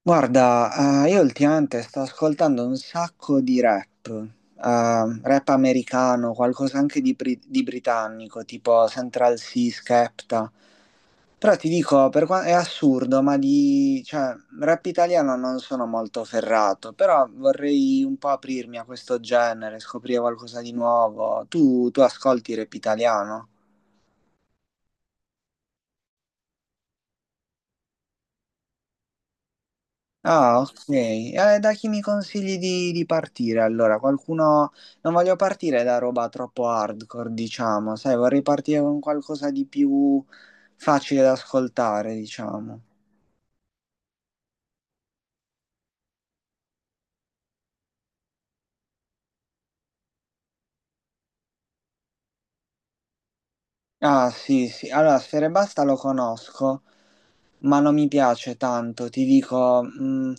Guarda, io ultimamente sto ascoltando un sacco di rap, rap americano, qualcosa anche di britannico, tipo Central C, Skepta. Però ti dico, è assurdo, ma cioè, rap italiano non sono molto ferrato, però vorrei un po' aprirmi a questo genere, scoprire qualcosa di nuovo. Tu ascolti rap italiano? Ah, ok. Da chi mi consigli di partire? Allora, qualcuno. Non voglio partire da roba troppo hardcore, diciamo, sai, vorrei partire con qualcosa di più facile da ascoltare, diciamo. Ah, sì, sì. Allora, Sfera Basta lo conosco, ma non mi piace tanto. Ti dico,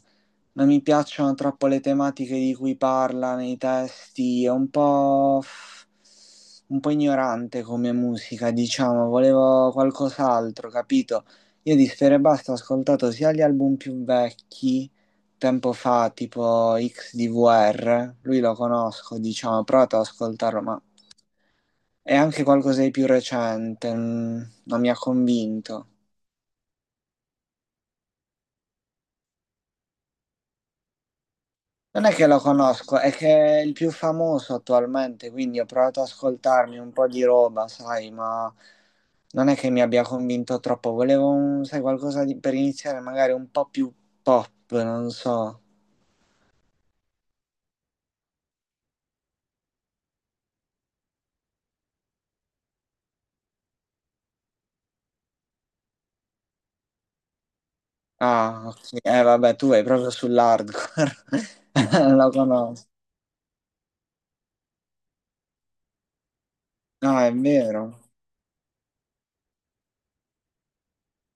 non mi piacciono troppo le tematiche di cui parla nei testi. È un po' ignorante come musica, diciamo. Volevo qualcos'altro, capito? Io di Sfera Basta ho ascoltato sia gli album più vecchi, tempo fa, tipo XDVR. Lui lo conosco, diciamo, ho provato ad ascoltarlo, ma. È anche qualcosa di più recente, non mi ha convinto. Non è che lo conosco, è che è il più famoso attualmente, quindi ho provato ad ascoltarmi un po' di roba, sai, ma non è che mi abbia convinto troppo. Volevo, sai, qualcosa per iniziare magari un po' più pop, non so. Ah, ok. Vabbè, tu vai proprio sull'hardcore. Lo conosco. Ah, è vero.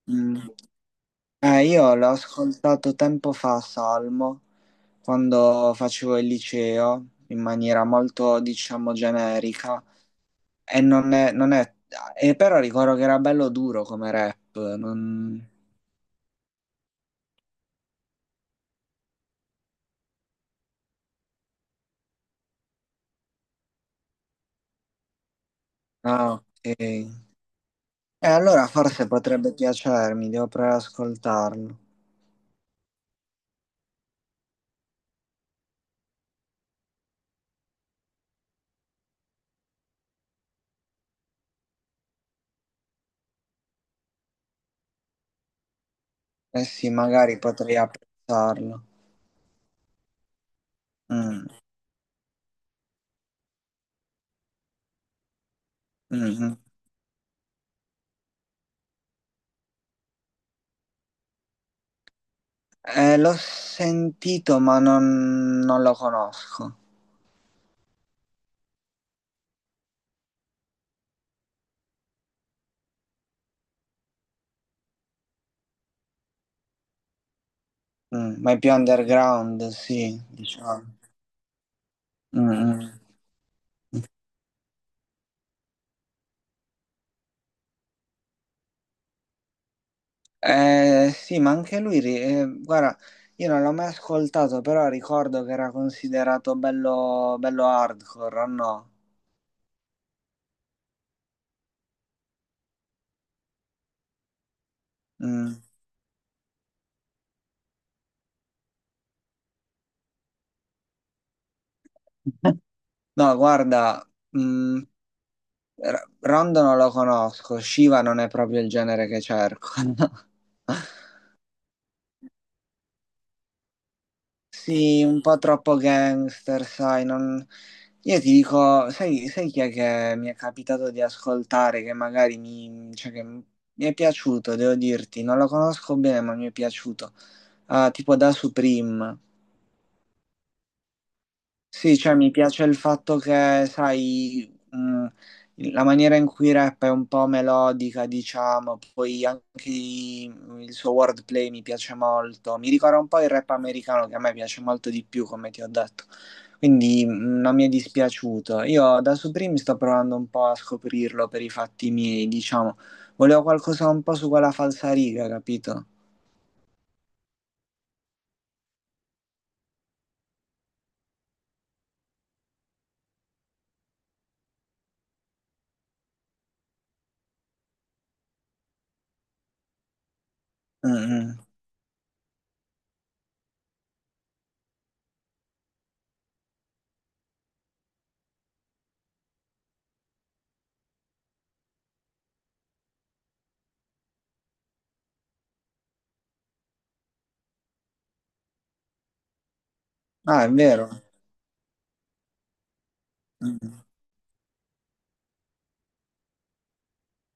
Mm. Io l'ho ascoltato tempo fa, Salmo, quando facevo il liceo in maniera molto, diciamo, generica e non è, non è- e però ricordo che era bello duro come rap, non. Ah, ok. E allora forse potrebbe piacermi, devo provare ad ascoltarlo. Eh sì, magari potrei apprezzarlo. Mm, mm, mm. L'ho sentito, ma non lo conosco. Ma è più underground, sì, diciamo. Mm, mm. Sì, ma anche lui, guarda, io non l'ho mai ascoltato, però ricordo che era considerato bello, bello hardcore, o no? Mm. No, guarda, mm, Rondo non lo conosco, Shiva non è proprio il genere che cerco. Sì, un po' troppo gangster, sai, non. Io ti dico, sai chi è che mi è capitato di ascoltare, che magari mi, cioè che mi è piaciuto, devo dirti, non lo conosco bene, ma mi è piaciuto. Ah, tipo da Supreme. Sì, cioè mi piace il fatto che, sai, la maniera in cui rap è un po' melodica, diciamo, poi anche il suo wordplay mi piace molto. Mi ricorda un po' il rap americano che a me piace molto di più, come ti ho detto. Quindi non mi è dispiaciuto. Io da Supreme sto provando un po' a scoprirlo per i fatti miei, diciamo. Volevo qualcosa un po' su quella falsariga, capito? Mm, mm. Ah, è vero. Mm,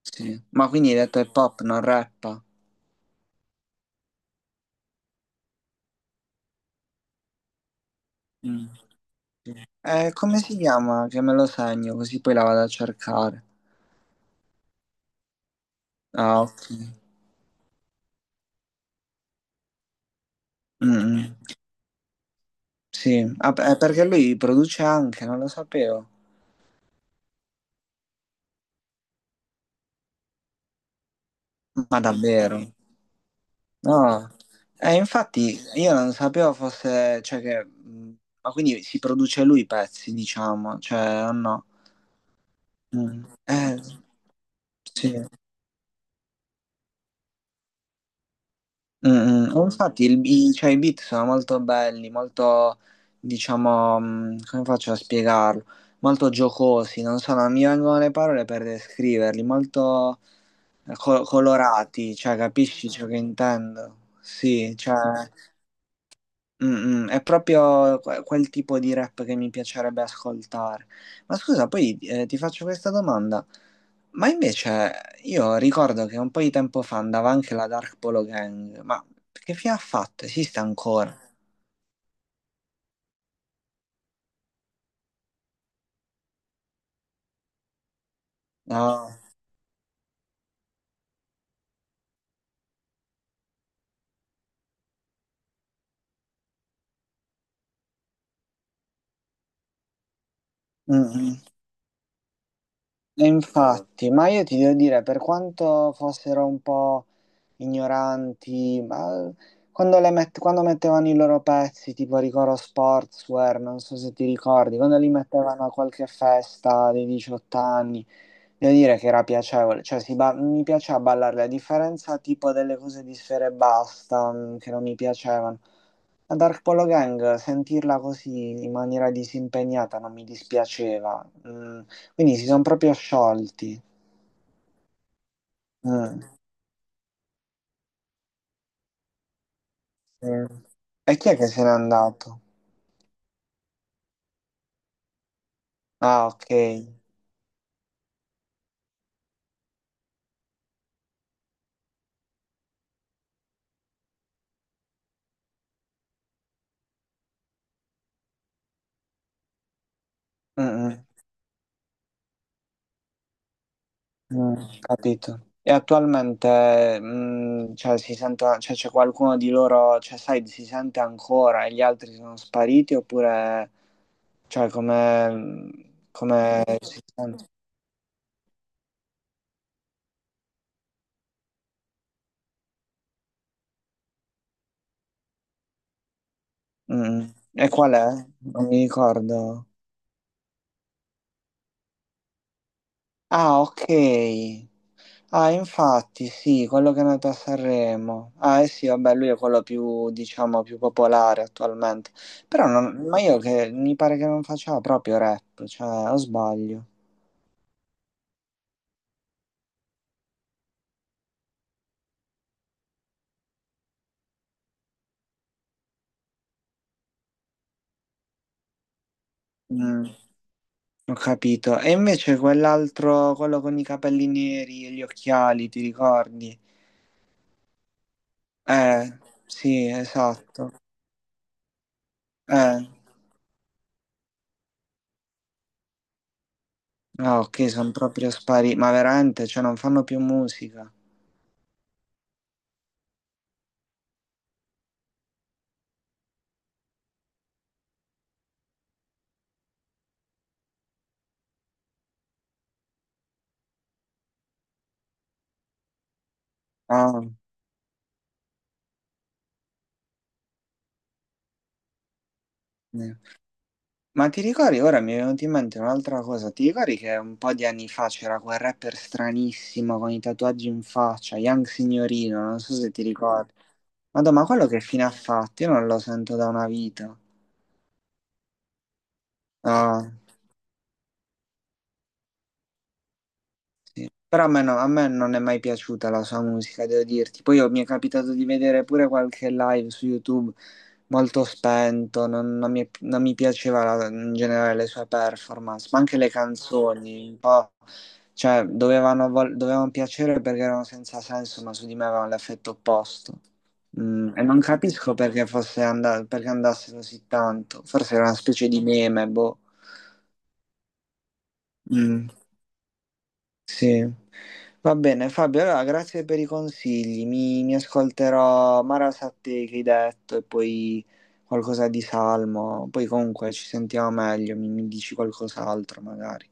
sì. Ma quindi hai detto hip hop, non rap? Come si chiama? Che me lo segno, così poi la vado a cercare. Ah, ok. Mm, mm. Sì, ah, beh, perché lui produce anche, non lo sapevo. Ma davvero? No. Infatti io non sapevo fosse, cioè che. Ma quindi si produce lui i pezzi, diciamo, cioè, o no? Mm. Sì. Mm, mm. Oh, infatti. Mm. Cioè, i beat sono molto belli, molto, diciamo, come faccio a spiegarlo? Molto giocosi, non so, non mi vengono le parole per descriverli, molto colorati, cioè, capisci ciò che intendo? Sì, cioè, è proprio quel tipo di rap che mi piacerebbe ascoltare. Ma scusa, poi ti faccio questa domanda. Ma invece io ricordo che un po' di tempo fa andava anche la Dark Polo Gang, ma che fine ha fatto? Esiste ancora? No. Mm, mm. E infatti, ma io ti devo dire, per quanto fossero un po' ignoranti, ma quando mettevano i loro pezzi, tipo Ricoro Sportswear, non so se ti ricordi, quando li mettevano a qualche festa dei 18 anni, devo dire che era piacevole, cioè mi piaceva ballarle, a differenza tipo delle cose di Sfera e Basta, che non mi piacevano. La Dark Polo Gang, sentirla così in maniera disimpegnata non mi dispiaceva. Quindi si sono proprio sciolti. Mm, mm. E chi è che se n'è andato? Ah, ok. Mm, mm, Capito. E attualmente, cioè, si sente, cioè, c'è qualcuno di loro, cioè, sai, si sente ancora e gli altri sono spariti oppure, cioè, come si sente? Mm. Mm. E qual è? Non mi ricordo. Ah, ok. Ah, infatti, sì, quello che è nato a Sanremo. Ah, eh sì, vabbè, lui è quello più, diciamo, più popolare attualmente. Però, ma io che mi pare che non faccia proprio rap, cioè, o sbaglio. Mm, Ho capito. E invece quell'altro, quello con i capelli neri e gli occhiali, ti ricordi? Eh, sì, esatto. Eh, ah, ok, sono proprio spariti. Ma veramente, cioè, non fanno più musica. Ah, eh. Ma ti ricordi, ora mi è venuta in mente un'altra cosa, ti ricordi che un po' di anni fa c'era quel rapper stranissimo con i tatuaggi in faccia, Young Signorino, non so se ti ricordi. Madonna, ma quello che fine ha fatto? Io non lo sento da una vita. No. Sì. Però a me non è mai piaciuta la sua musica, devo dirti. Poi mi è capitato di vedere pure qualche live su YouTube molto spento, non mi piaceva in generale le sue performance, ma anche le canzoni, un po', cioè dovevano piacere perché erano senza senso, ma su di me avevano l'effetto opposto. E non capisco perché andasse così tanto, forse era una specie di meme, boh. Mm, sì. Va bene, Fabio, allora grazie per i consigli. Mi ascolterò Marasatti che hai detto e poi qualcosa di Salmo. Poi comunque ci sentiamo meglio, mi dici qualcos'altro magari.